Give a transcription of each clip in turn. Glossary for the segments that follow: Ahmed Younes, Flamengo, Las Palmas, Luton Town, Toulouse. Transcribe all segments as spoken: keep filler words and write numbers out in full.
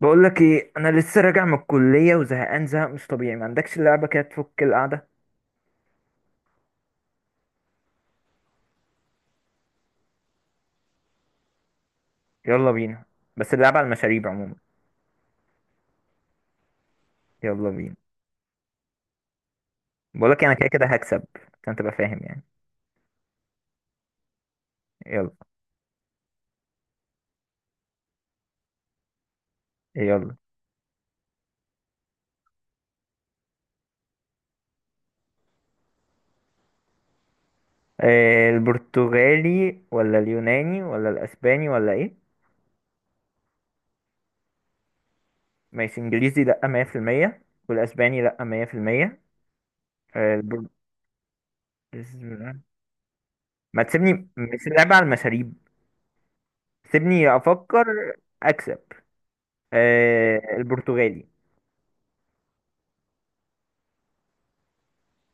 بقول لك ايه؟ انا لسه راجع من الكليه وزهقان زهق مش طبيعي. ما عندكش لعبه كده تفك القعده؟ يلا بينا. بس اللعبه على المشاريب عموما. يلا بينا. بقول لك انا كده كده هكسب عشان تبقى فاهم يعني. يلا يلا. آه البرتغالي ولا اليوناني ولا الاسباني ولا ايه؟ ماشي انجليزي لا مية في المية، والاسباني لا مية في المية. آه البر... ما تسيبني؟ مش اللعبه على المشاريب. سيبني افكر اكسب. آه، البرتغالي.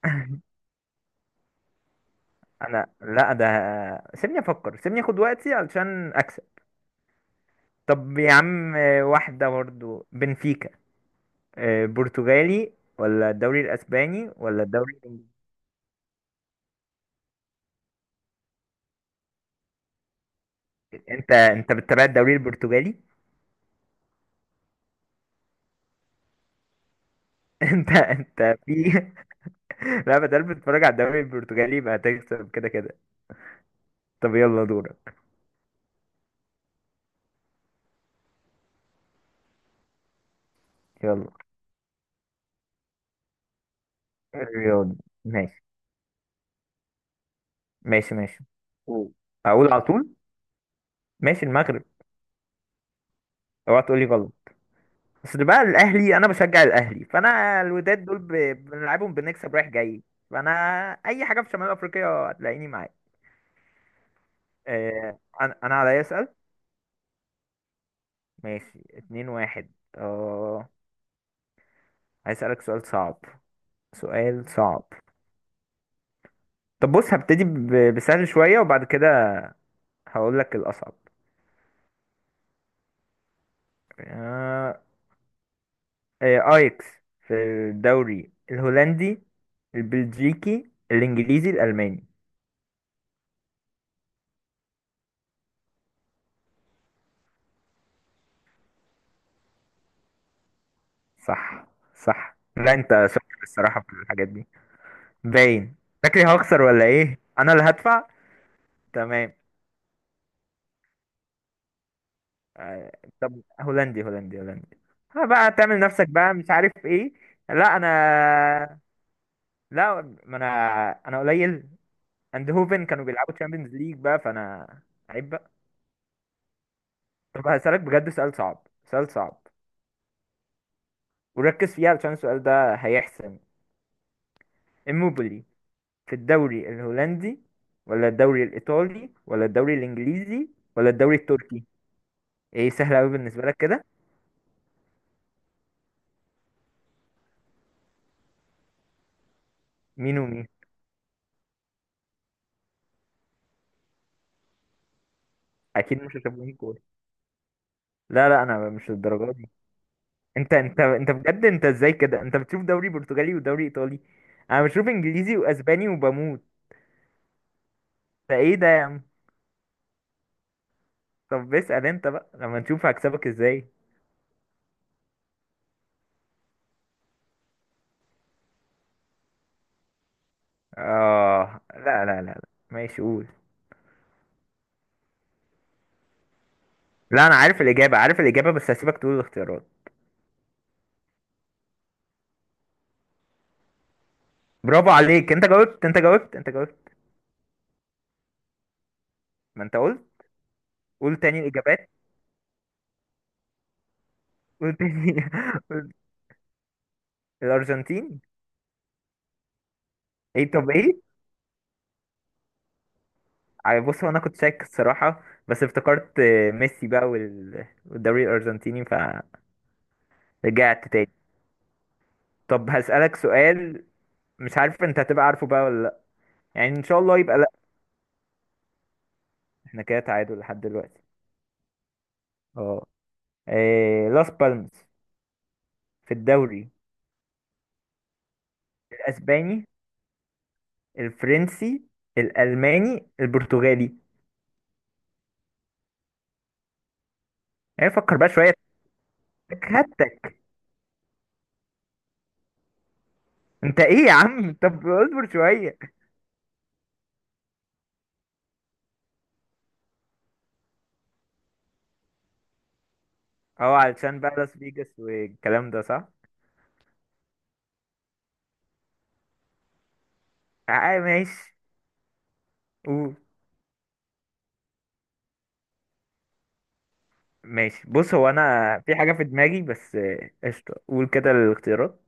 انا لا ده. سيبني افكر، سيبني اخد وقتي علشان اكسب. طب يا عم، آه، واحدة برضو، بنفيكا. آه، برتغالي ولا الدوري الاسباني ولا الدوري الانجليزي؟ انت انت بتتابع الدوري البرتغالي؟ انت انت في. لا، بدل بتتفرج على الدوري البرتغالي يبقى هتكسب كده كده. طب يلا دورك. يلا. الرياضي. ماشي ماشي ماشي. مم. اقول على طول. ماشي، المغرب. اوعى تقولي غلط. اصل بقى الاهلي، انا بشجع الاهلي، فانا الوداد دول ب- بنلعبهم بنكسب رايح جاي. فانا اي حاجه في شمال افريقيا هتلاقيني معاك. آه، انا انا عليا اسال. ماشي اتنين واحد. اه. هسألك سؤال صعب، سؤال صعب. طب بص، هبتدي ب- بسهل شويه وبعد كده هقول لك الاصعب. آه، آه، ايكس في الدوري الهولندي، البلجيكي، الانجليزي، الالماني. صح. صح. لا انت شاطر الصراحه في الحاجات دي، باين. فاكري هخسر ولا ايه؟ انا اللي هدفع؟ تمام. آه، طب هولندي هولندي هولندي. ها بقى تعمل نفسك بقى مش عارف ايه. لا انا. لا ما انا. انا قليل. اندهوفن كانوا بيلعبوا تشامبيونز ليج بقى فانا عيب بقى. طب هسألك بجد سؤال صعب، سؤال صعب. وركز فيه علشان السؤال ده هيحسن. اموبولي، في الدوري الهولندي ولا الدوري الايطالي ولا الدوري الانجليزي ولا الدوري التركي؟ ايه سهل قوي بالنسبة لك كده؟ مين ومين؟ اكيد مش هشوفهم كوره. لا لا انا مش للدرجه دي. انت انت انت بجد انت ازاي كده؟ انت بتشوف دوري برتغالي ودوري ايطالي، انا بشوف انجليزي واسباني وبموت. ده ايه ده يا عم؟ طب اسال انت بقى لما نشوف هكسبك ازاي. اه لا لا لا لا. ماشي قول. لا انا عارف الاجابه، عارف الاجابه، بس هسيبك تقول الاختيارات. برافو عليك، انت جاوبت انت جاوبت انت جاوبت. ما انت قلت. قول تاني الاجابات. قول تاني. قول. الارجنتين. ايه طب ايه؟ ع- بص، هو انا كنت شاك الصراحه بس افتكرت آه، ميسي بقى وال- والدوري الارجنتيني فرجعت تاني. طب هسألك سؤال، مش عارف انت هتبقى عارفه بقى ولا لا، يعني ان شاء الله يبقى لا. احنا كده تعادل لحد دلوقتي. اه. آه، لاس بالماس، في الدوري الاسباني، الفرنسي، الالماني، البرتغالي. يعني فكر بقى شويه. هاتك. انت ايه يا عم؟ طب اصبر شويه. اه، علشان بقى لاس فيجاس والكلام ده، صح. اه ماشي. ماشي بص، هو انا في حاجة في دماغي بس، آه، قشطة، قول كده الاختيارات.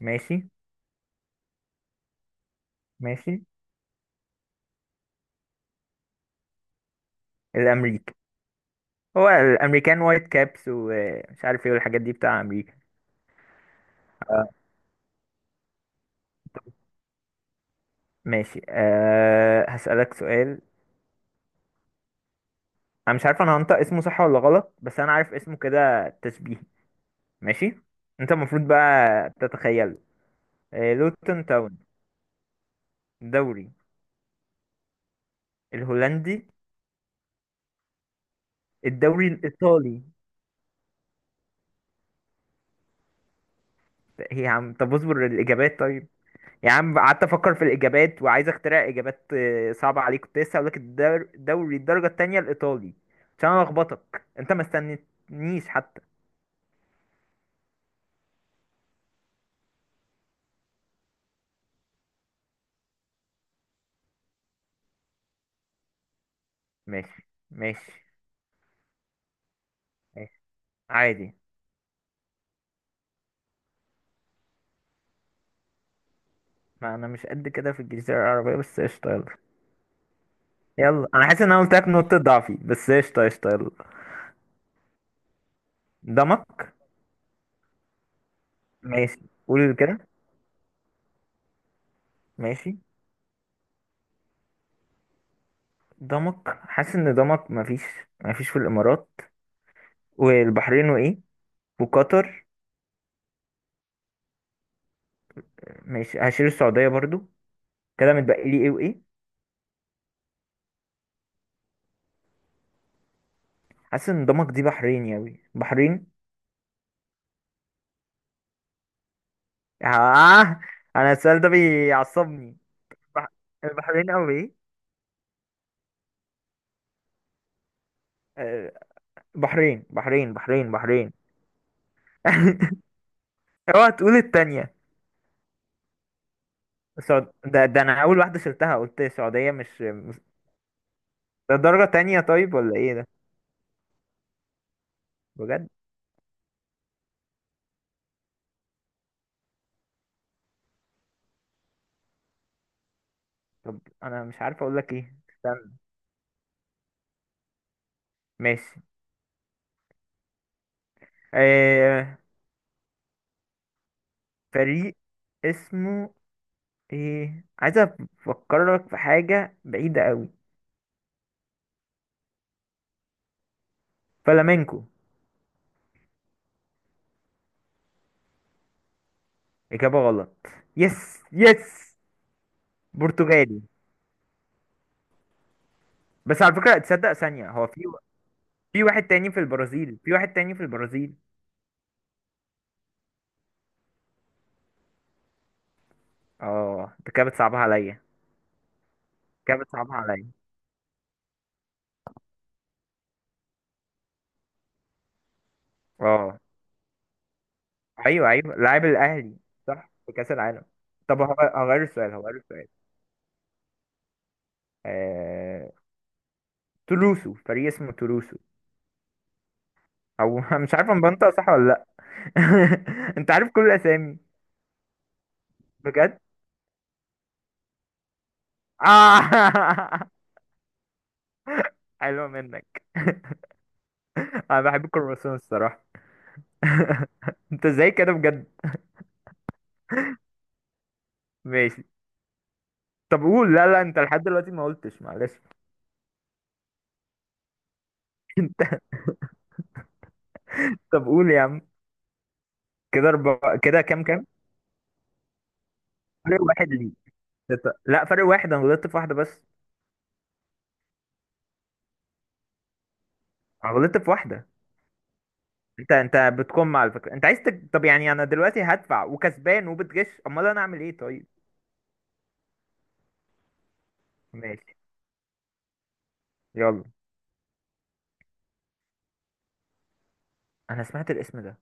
ماشي. ماشي. الامريكي. هو الامريكان وايت كابس ومش عارف ايه والحاجات دي بتاع امريكا. آه، ماشي. أه هسألك سؤال. انا مش عارف انا هنطق اسمه صح ولا غلط، بس انا عارف اسمه كده تشبيهي. ماشي. انت المفروض بقى تتخيله. أه، لوتون تاون. الدوري الهولندي، الدوري الايطالي. هي عم طب اصبر الاجابات طيب. يا عم قعدت افكر في الاجابات، وعايز اخترع اجابات آه، صعبه عليك. كنت لسه هقول لك الدر- دوري الدرجه التانية الايطالي، عشان انا لخبطك انت ما استنيتنيش حتى. ماشي ماشي ماشي. عادي. ما انا مش قد كده في الجنسيه العربيه، بس قشطه يلا. يلا. انا حاسس ان انا قلت لك نقطه ضعفي، بس قشطه قشطه يلا. دمك. ماشي، قول كده. ماشي. دمك. حاسس ان دمك مفيش. مفيش في الامارات والبحرين وايه، وقطر. ماشي هشيل السعوديه برضو. كده متبقي لي ايه وايه؟ حاسس ان دمك دي بحريني اوي، بحرين. آه. انا السؤال ده بيعصبني. بح... البحرين اوي ايه. آه، بحرين بحرين بحرين بحرين. اوعى تقول التانية. السعود... ده ده انا اول واحدة شلتها، قلت السعودية مش مش- ده درجة تانية طيب ولا ايه ده؟ بجد؟ طب انا مش عارف اقول لك ايه، استنى. ماشي. آه... فريق اسمه ايه؟ عايز افكرك في حاجة بعيدة اوي. فلامينكو. إجابة غلط. يس يس. برتغالي، بس على فكرة تصدق ثانية هو في في واحد تاني في البرازيل، في واحد تاني في البرازيل. اه انت كده بتصعبها عليا، كده بتصعبها عليا. اه ايوه ايوه، لاعب الأهلي، صح، في كأس العالم. طب هغ- هغير السؤال، هغير السؤال. آه... تولوسو، فريق اسمه تولوسو. او مش عارف انا بنطق صح ولا لا. انت عارف كل الاسامي بجد؟ آه... حلوة منك. انا بحب الكرواسون الصراحة. انت ازاي كده بجد؟ ماشي. طب قول. لا لا، انت لحد دلوقتي ما قلتش، معلش. طب قول يا عم. كده اربعة، كده كام كام؟ فرق واحد ليك. تت- لا فرق واحد، انا غلطت في واحدة بس. انا غلطت في واحدة. انت انت بتكم على فكرة؟ انت عايز تك... طب يعني انا دلوقتي هدفع وكسبان وبتغش، امال انا اعمل ايه طيب؟ ماشي. يلا. انا سمعت الاسم ده.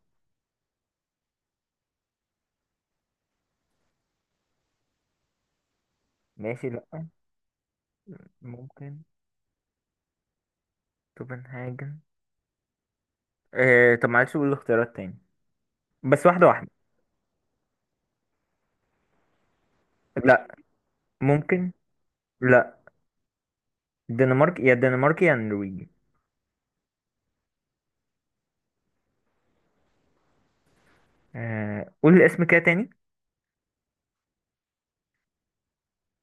ماشي لا. ممكن. توبنهاجن. اه طب معلش قول الاختيارات تاني، بس واحدة واحدة. لا. ممكن. لا. الدنمارك يا الدنمارك يا النرويج. آه، قول الاسم كده تاني.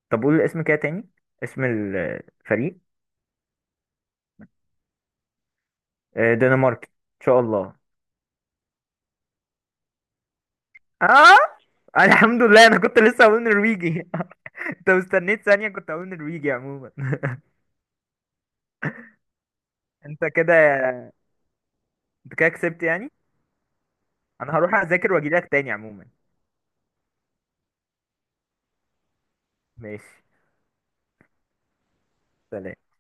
طب قول الاسم كده تاني، اسم الفريق. آه، دنماركي ان شاء الله. اه. الحمد لله، انا كنت لسه هقول نرويجي. انت مستنيت ثانية كنت هقول نرويجي عموما. انت كده، انت كده كسبت يعني. انا هروح اذاكر واجيلك تاني عموما. ماشي. سلام.